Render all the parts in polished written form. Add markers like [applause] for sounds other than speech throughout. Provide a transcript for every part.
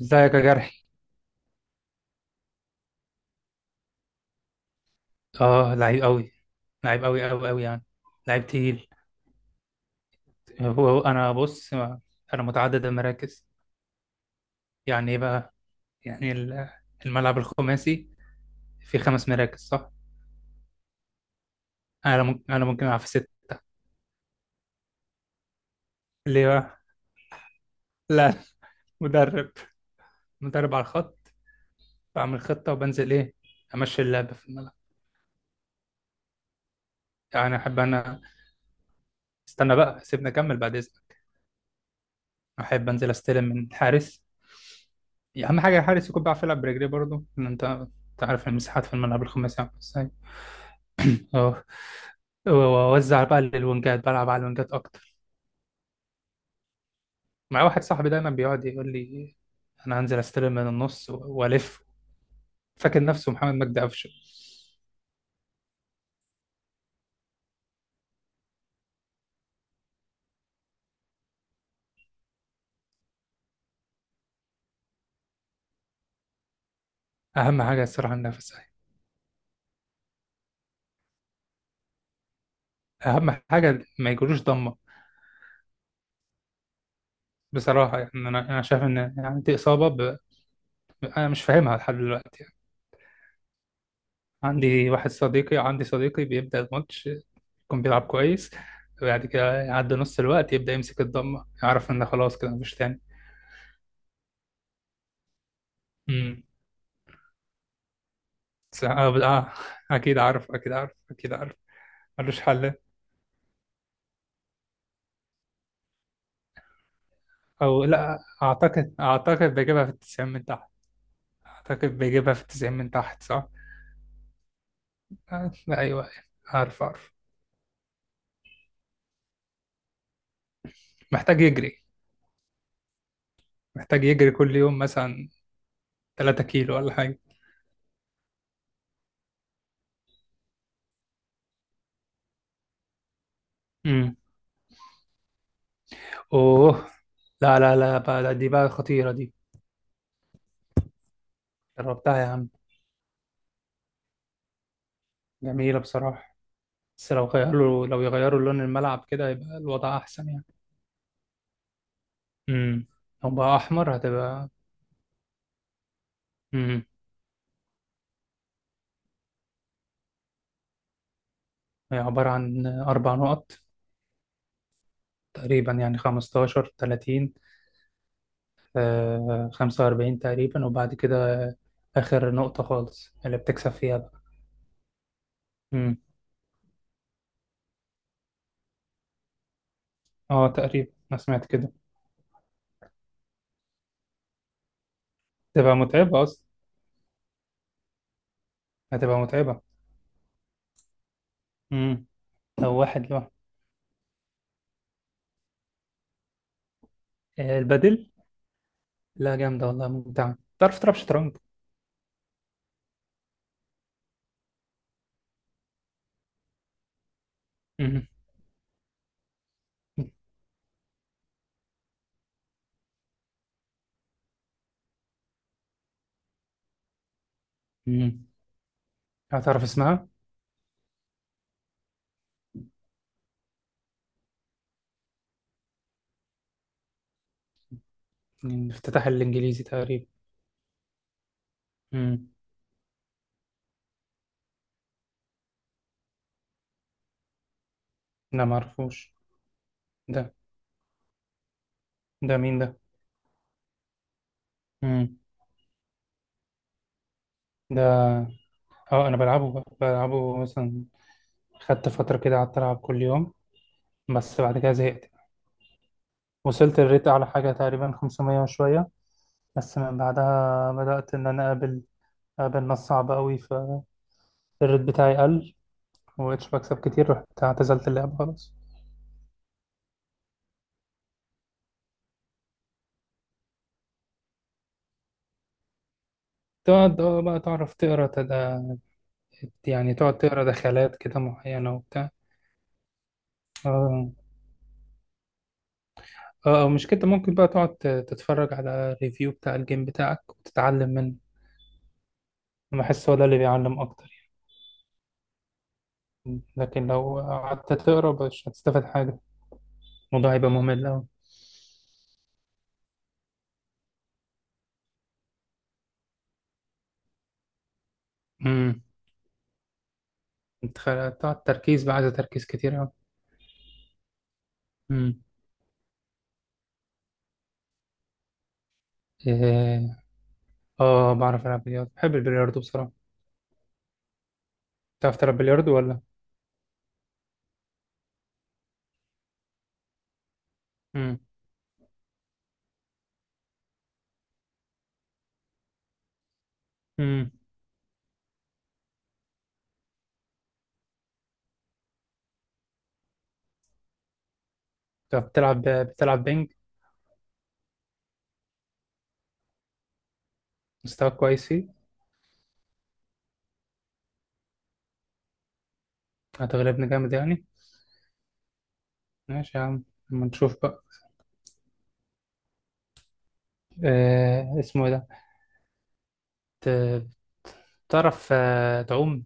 ازيك يا جرحي؟ اه، لعيب قوي. لعيب قوي قوي قوي يعني. لعيب تقيل. هو هو انا بص، انا متعدد المراكز. يعني ايه بقى؟ يعني الملعب الخماسي فيه خمس مراكز، صح. انا ممكن العب في ست. ليه بقى؟ [laughs] لا، مدرب. مدرب على الخط. بعمل خطة وبنزل، ايه، امشي اللعب في الملعب. يعني احب انا. استنى بقى، سيبني اكمل بعد اذنك. احب انزل استلم من الحارس. اهم حاجة الحارس يكون بيعرف يلعب برجليه برضه، لان انت عارف المساحات في الملعب الخماسي عامله ازاي. اه. واوزع بقى للونجات، بلعب على الونجات اكتر. مع واحد صاحبي دايما بيقعد يقول لي انا هنزل استلم من النص والف. فاكر نفسه محمد مجدي قفشه. اهم حاجه الصراحه النفس. اهم حاجه ما يجروش ضمه. بصراحه يعني، انا شايف ان، يعني، دي اصابه انا مش فاهمها لحد دلوقتي يعني. عندي صديقي بيبدا الماتش يكون بيلعب كويس، وبعد كده يعدي نص الوقت يبدا يمسك الضمه، يعرف ان خلاص كده مفيش. تاني، س- اه آه، اكيد عارف، اكيد عارف، اكيد عارف. ملوش حل. او لا، اعتقد بيجيبها في التسعين من تحت. اعتقد بيجيبها في التسعين من تحت، صح. آه، لا، ايوه، أيوة، عارف، عارف. محتاج يجري. محتاج يجري كل يوم مثلا 3 كيلو ولا حاجه. امم. اوه. لا لا لا بقى، دي بقى خطيره دي. جربتها يا عم. جميله بصراحه. بس لو يغيروا لون الملعب كده يبقى الوضع احسن يعني. امم. لو بقى احمر هتبقى. امم. هي عباره عن اربع نقط، تقريبا يعني 15، 30، 45 تقريبا، وبعد كده آخر نقطة خالص اللي بتكسب فيها بقى. امم. اه، تقريبا أنا سمعت كده. تبقى متعبة أصلا. هتبقى متعبة. امم. لو واحد لوحده، البدل، لا، جامدة والله، ممتعة. تعرف تلعب شطرنج؟ امم. امم. هتعرف اسمها. الافتتاح الإنجليزي تقريبا. امم. لا، معرفوش ده. ده مين ده؟ امم. ده، اه، انا بلعبه بقى. بلعبه مثلا خدت فترة كده قعدت ألعب كل يوم، بس بعد كده زهقت. وصلت الريت أعلى حاجة تقريبا 500 وشوية، بس من بعدها بدأت إن أنا أقابل ناس صعبة قوي، فالريت بتاعي قل. ومبقتش بكسب كتير، رحت اعتزلت اللعبة خلاص. تقعد، اه، بقى تعرف تقرا تدا، يعني تقعد تقرا دخلات كده معينة وبتاع. اه مش كده، ممكن بقى تقعد تتفرج على ريفيو بتاع الجيم بتاعك وتتعلم منه. أنا بحس هو ده اللي بيعلم أكتر، يعني. لكن لو قعدت تقرا مش هتستفاد حاجة، الموضوع هيبقى ممل أوي. انت بتاع تركيز بقى، عايزة تركيز كتير أوي. مم. إيه، اه، بعرف ألعب بلياردو. بحب البلياردو بصراحة. بتعرف تلعب بلياردو ولا؟ مم. مم. طب بتلعب بينج، مستواك كويس فيه؟ هتغلبني جامد يعني. ماشي يا عم، اما نشوف بقى. إيه اسمه إيه ده؟ ت- تعرف تعوم؟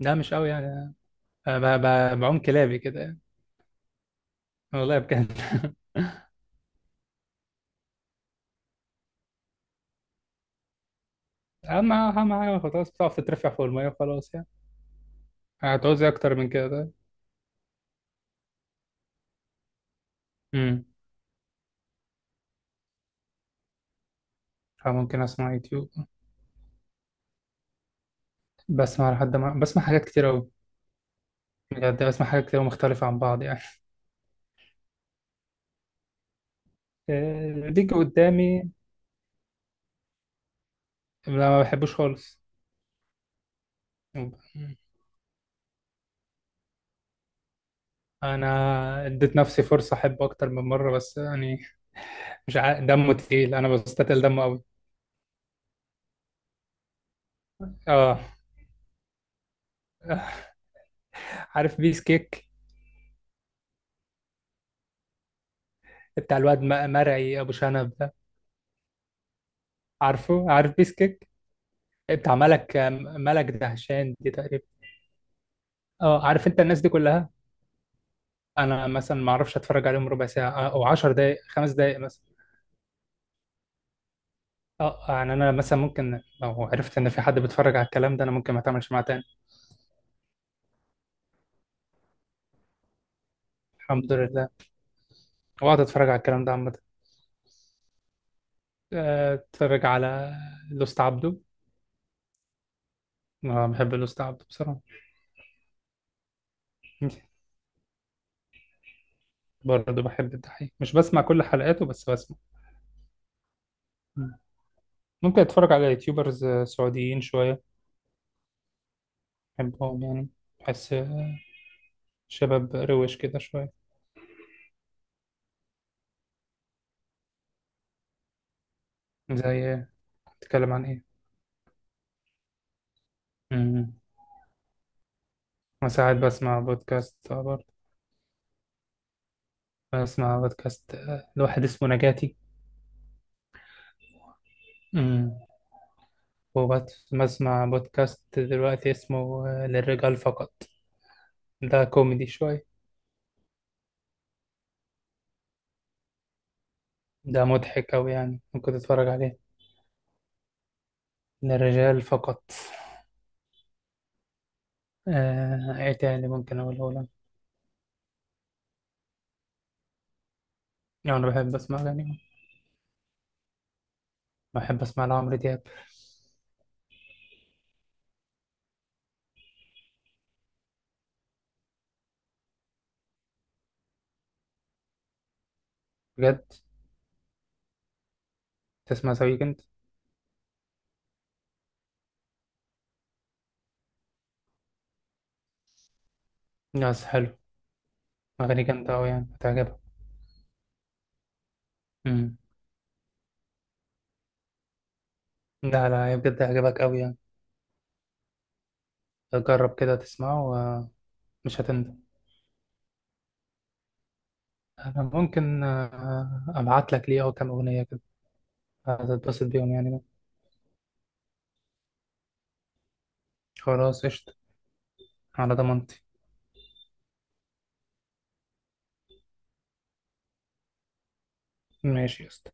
لا، مش قوي يعني. آه، ب- بعوم كلابي كده يعني، والله بجد. [laughs] أهم حاجة خلاص، بتعرف تترفع فوق المية وخلاص يعني. هتعوز إيه أكتر من كده طيب؟ مم. ممكن أسمع يوتيوب. بسمع لحد ما بسمع حاجات كتير أوي. بجد بسمع حاجات كتير أوي مختلفة عن بعض يعني. بيجي قدامي. لا، ما بحبوش خالص. أنا اديت نفسي فرصة أحبه أكتر من مرة، بس يعني مش عا... دمه تقيل، أنا بستتقل دمه أوي. آه. عارف بيس كيك؟ بتاع الواد مرعي أبو شنب ده. عارفه، عارف بيس كيك بتاع ملك، ملك دهشان دي تقريبا. اه، عارف انت الناس دي كلها. انا مثلا ما اعرفش اتفرج عليهم ربع ساعه او 10 دقائق، خمس دقائق مثلا. اه، يعني انا مثلا ممكن لو عرفت ان في حد بيتفرج على الكلام ده انا ممكن ما اتعاملش معاه تاني. الحمد لله. واقعد اتفرج على الكلام ده عامه. اتفرج على لوست عبده. انا بحب لوست عبده بصراحه. برضه بحب الدحيح، مش بسمع كل حلقاته بس بسمع. مم. ممكن اتفرج على يوتيوبرز سعوديين شويه، بحبهم يعني. بحس شباب روش كده شويه. زي، بتتكلم عن ايه؟ مم. وساعات بسمع بودكاست، برضه. بسمع بودكاست لواحد اسمه نجاتي. مم. وبسمع بودكاست دلوقتي اسمه للرجال فقط، ده كوميدي شوية. ده مضحك أوي يعني، ممكن تتفرج عليه. للرجال فقط. إيه تاني ممكن أقوله لك؟ يعني أنا بحب أسمع أغاني. بحب أسمع لعمرو دياب. بجد، تسمع ذا ويكند؟ ناس حلو. أغاني جامدة أوي يعني، هتعجبك. مم. لا لا، هي بجد هيعجبك أوي يعني. جرب كده تسمعه ومش هتندم. أنا ممكن أبعت لك ليه أو كام أغنية كده، هتتبسط بيهم يعني. خلاص قشطة، على ضمانتي. ماشي يا اسطى.